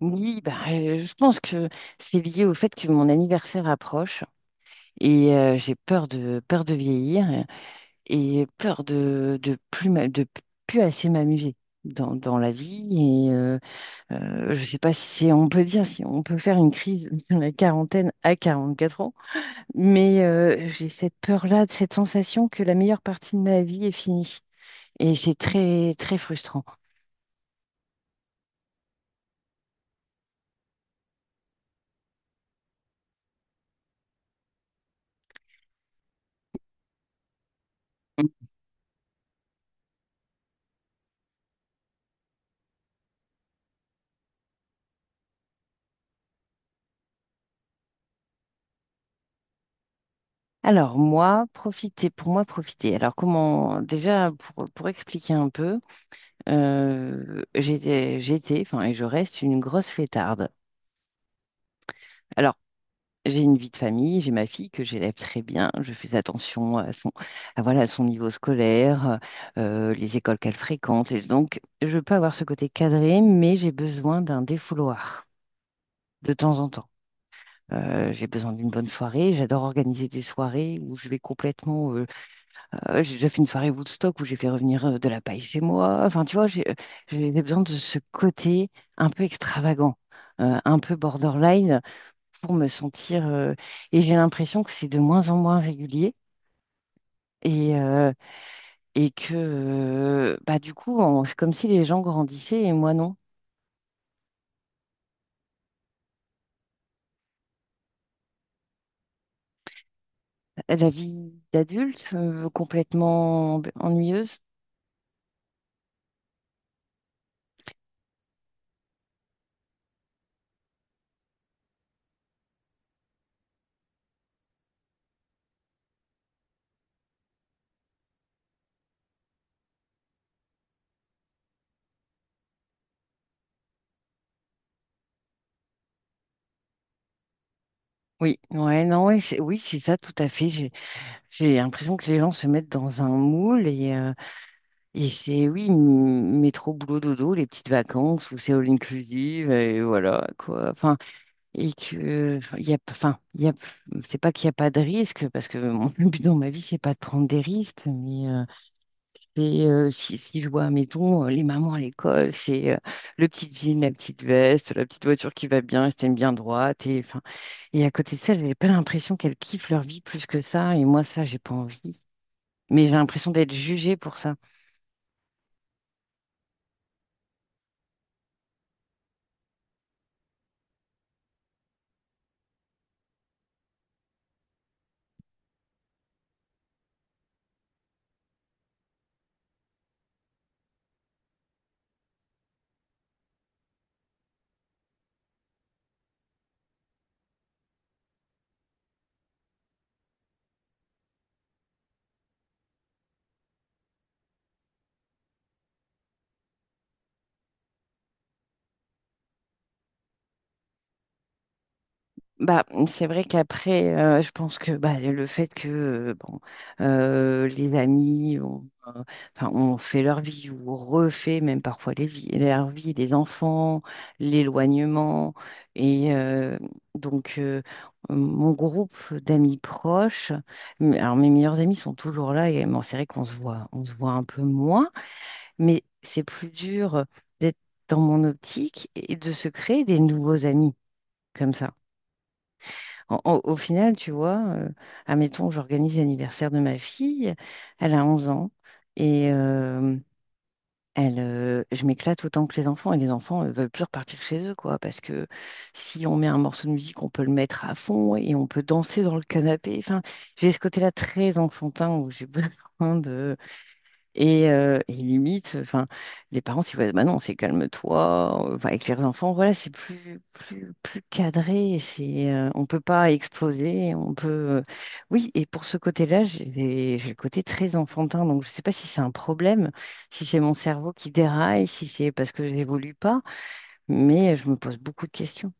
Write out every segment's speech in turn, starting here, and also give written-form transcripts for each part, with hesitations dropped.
Oui, bah, je pense que c'est lié au fait que mon anniversaire approche et j'ai peur de vieillir et peur de plus assez m'amuser dans la vie et je sais pas si on peut dire si on peut faire une crise de la quarantaine à 44 ans, mais j'ai cette peur-là, cette sensation que la meilleure partie de ma vie est finie et c'est très très frustrant. Alors moi, profiter, pour moi, profiter. Alors comment, déjà pour expliquer un peu, enfin et je reste une grosse fêtarde. Alors j'ai une vie de famille, j'ai ma fille que j'élève très bien, je fais attention à voilà, à son niveau scolaire, les écoles qu'elle fréquente. Et donc je peux avoir ce côté cadré, mais j'ai besoin d'un défouloir de temps en temps. J'ai besoin d'une bonne soirée. J'adore organiser des soirées où je vais complètement j'ai déjà fait une soirée Woodstock où j'ai fait revenir de la paille chez moi. Enfin, tu vois, j'ai besoin de ce côté un peu extravagant, un peu borderline pour me sentir. Et j'ai l'impression que c'est de moins en moins régulier et, euh, et que, bah, du coup, on- c'est comme si les gens grandissaient et moi non. La vie d'adulte, complètement ennuyeuse. Oui, ouais, non, ouais, c'est- oui, c'est ça, tout à fait. J'ai l'impression que les gens se mettent dans un moule. Et c'est, oui, m- métro, boulot, dodo, les petites vacances où c'est all inclusive, et voilà, quoi. Enfin, et que, enfin, il y a, enfin, il y a, c'est pas qu'il n'y a pas de risque, parce que mon but dans ma vie, c'est pas de prendre des risques, mais c'est, si, si je vois, mettons, les mamans à l'école, c'est le petit jean, la petite veste, la petite voiture qui va bien, elle se tienne bien droite, et enfin, et à côté de ça, j'avais pas l'impression qu'elles kiffent leur vie plus que ça, et moi, ça, j'ai pas envie. Mais j'ai l'impression d'être jugée pour ça. Bah, mmh, c'est vrai qu'après, je pense que bah, le fait que bon, les amis ont, enfin, ont fait leur vie ou ont refait même parfois les vies, leur vie, les enfants, l'éloignement. Et donc, mon groupe d'amis proches, mais- alors mes meilleurs amis sont toujours là et bon, c'est vrai qu'on se voit, on se voit un peu moins, mais c'est plus dur d'être dans mon optique et de se créer des nouveaux amis comme ça. En- en- au final, tu vois, admettons, j'organise l'anniversaire de ma fille, elle a 11 ans, et elle, je m'éclate autant que les enfants, et les enfants ne veulent plus repartir chez eux, quoi, parce que si on met un morceau de musique, on peut le mettre à fond et on peut danser dans le canapé. Enfin, j'ai ce côté-là très enfantin où j'ai besoin de, et limite, enfin, les parents, ils voient, bah non, c'est calme-toi. Enfin, avec les enfants, voilà, c'est plus, plus, plus cadré. C'est, on peut pas exploser. On peut, oui. Et pour ce côté-là, j'ai des- j'ai le côté très enfantin. Donc, je sais pas si c'est un problème, si c'est mon cerveau qui déraille, si c'est parce que j'évolue pas. Mais je me pose beaucoup de questions.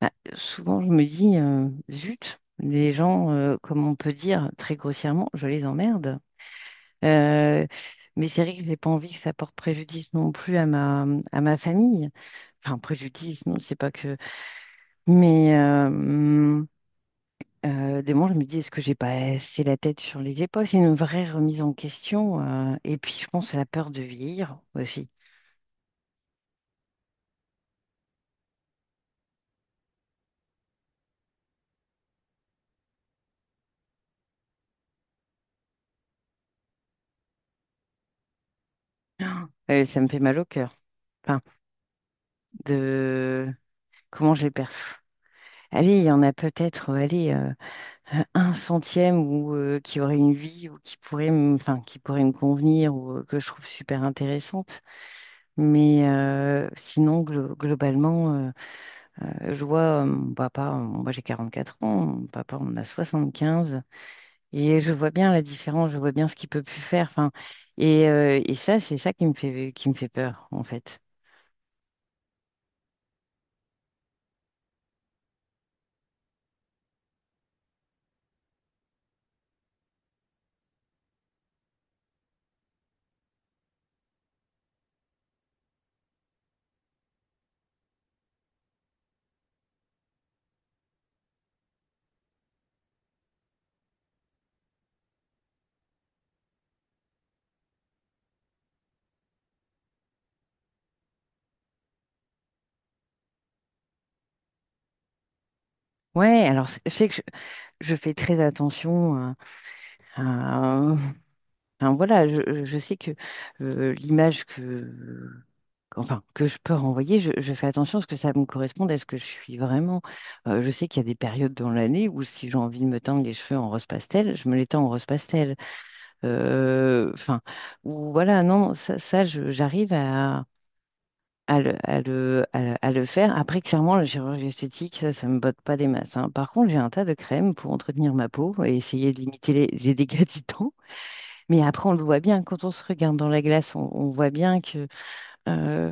Bah, souvent, je me dis, zut, les gens, comme on peut dire très grossièrement, je les emmerde. Euh, mais c'est vrai que j'ai pas envie que ça porte préjudice non plus à à ma famille. Enfin, préjudice, non, c'est pas que. Mais des moments, je me dis, est-ce que j'ai pas assez la tête sur les épaules? C'est une vraie remise en question. Et puis, je pense à la peur de vieillir aussi. Ça me fait mal au cœur. Enfin, de comment je les perçois. Allez, il y en a peut-être, allez, un centième ou qui aurait une vie ou qui pourrait, me- enfin, qui pourrait me convenir ou que je trouve super intéressante. Mais sinon, glo- globalement, je vois mon papa, moi j'ai 44 ans, mon papa on a 75. Et je vois bien la différence, je vois bien ce qu'il peut plus faire. Enfin, et ça, c'est ça qui me fait peur, en fait. Ouais, alors c'est- je sais que je fais très attention à. Enfin, voilà, je sais que l'image que, enfin, que je peux renvoyer, je fais attention à ce que ça me corresponde, à ce que je suis vraiment. Je sais qu'il y a des périodes dans l'année où si j'ai envie de me teindre les cheveux en rose pastel, je me les teins en rose pastel. Enfin, ou voilà, non, ça, je- j'arrive à le, à le, à le faire. Après, clairement, la chirurgie esthétique, ça me botte pas des masses, hein. Par contre, j'ai un tas de crèmes pour entretenir ma peau et essayer de limiter les dégâts du temps. Mais après, on le voit bien, quand on se regarde dans la glace, on voit bien que, euh,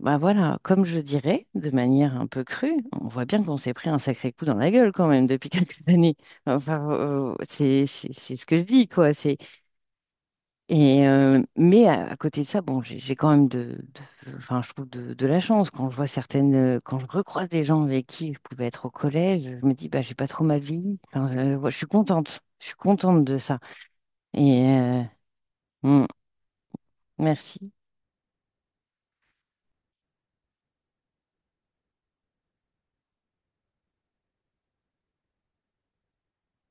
bah voilà, comme je dirais, de manière un peu crue, on voit bien qu'on s'est pris un sacré coup dans la gueule quand même depuis quelques années. Enfin, c'est ce que je dis, quoi. C'est, et, mais à côté de ça, bon, j'ai quand même de- enfin, je trouve de la chance quand je vois certaines, quand je recroise des gens avec qui je pouvais être au collège, je me dis, bah, j'ai pas trop mal vieilli. Enfin, je suis contente de ça. Et mm, merci.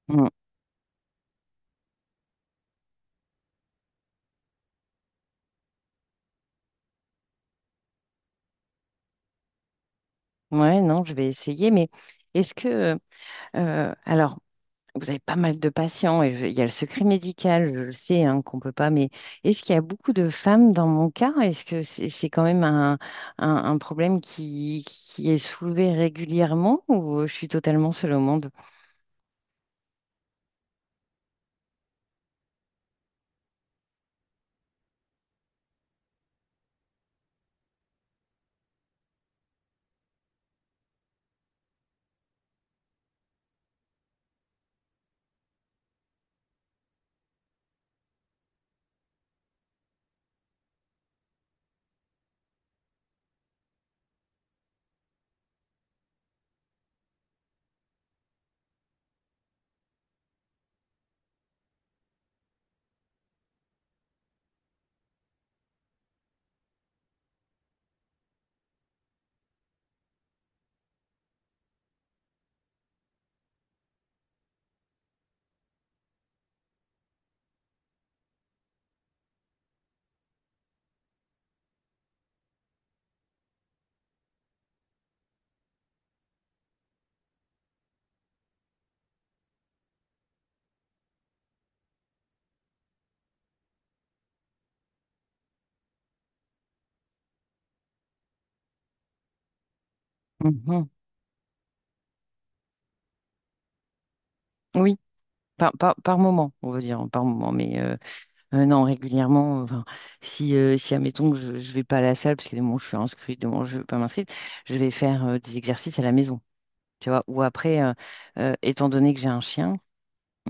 Mm. Ouais, non, je vais essayer, mais est-ce que, alors, vous avez pas mal de patients et je- il y a le secret médical, je le sais, hein, qu'on peut pas, mais est-ce qu'il y a beaucoup de femmes dans mon cas? Est-ce que c'est quand même un problème qui est soulevé régulièrement ou je suis totalement seule au monde? Mhm. Oui, par moment, on va dire, hein, par moment, mais non, régulièrement, enfin, si, si admettons que je ne vais pas à la salle, parce que des moments où je suis inscrite, des moments où je ne vais pas m'inscrire, je vais faire des exercices à la maison. Tu vois, ou après, étant donné que j'ai un chien,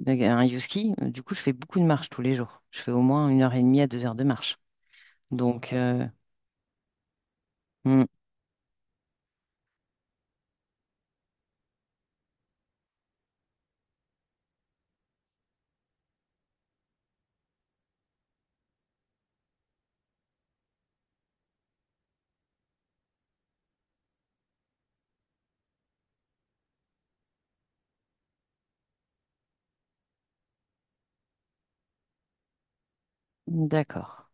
un husky, du coup, je fais beaucoup de marche tous les jours. Je fais au moins 1 h 30 à 2 heures de marche. Donc, hmm, d'accord.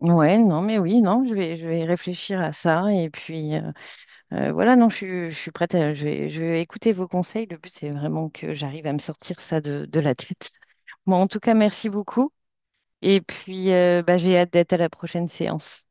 Ouais, non, mais oui, non, je vais réfléchir à ça. Et puis, voilà, non, je suis prête à je vais écouter vos conseils. Le but, c'est vraiment que j'arrive à me sortir ça de la tête. Bon, en tout cas, merci beaucoup. Et puis, bah, j'ai hâte d'être à la prochaine séance.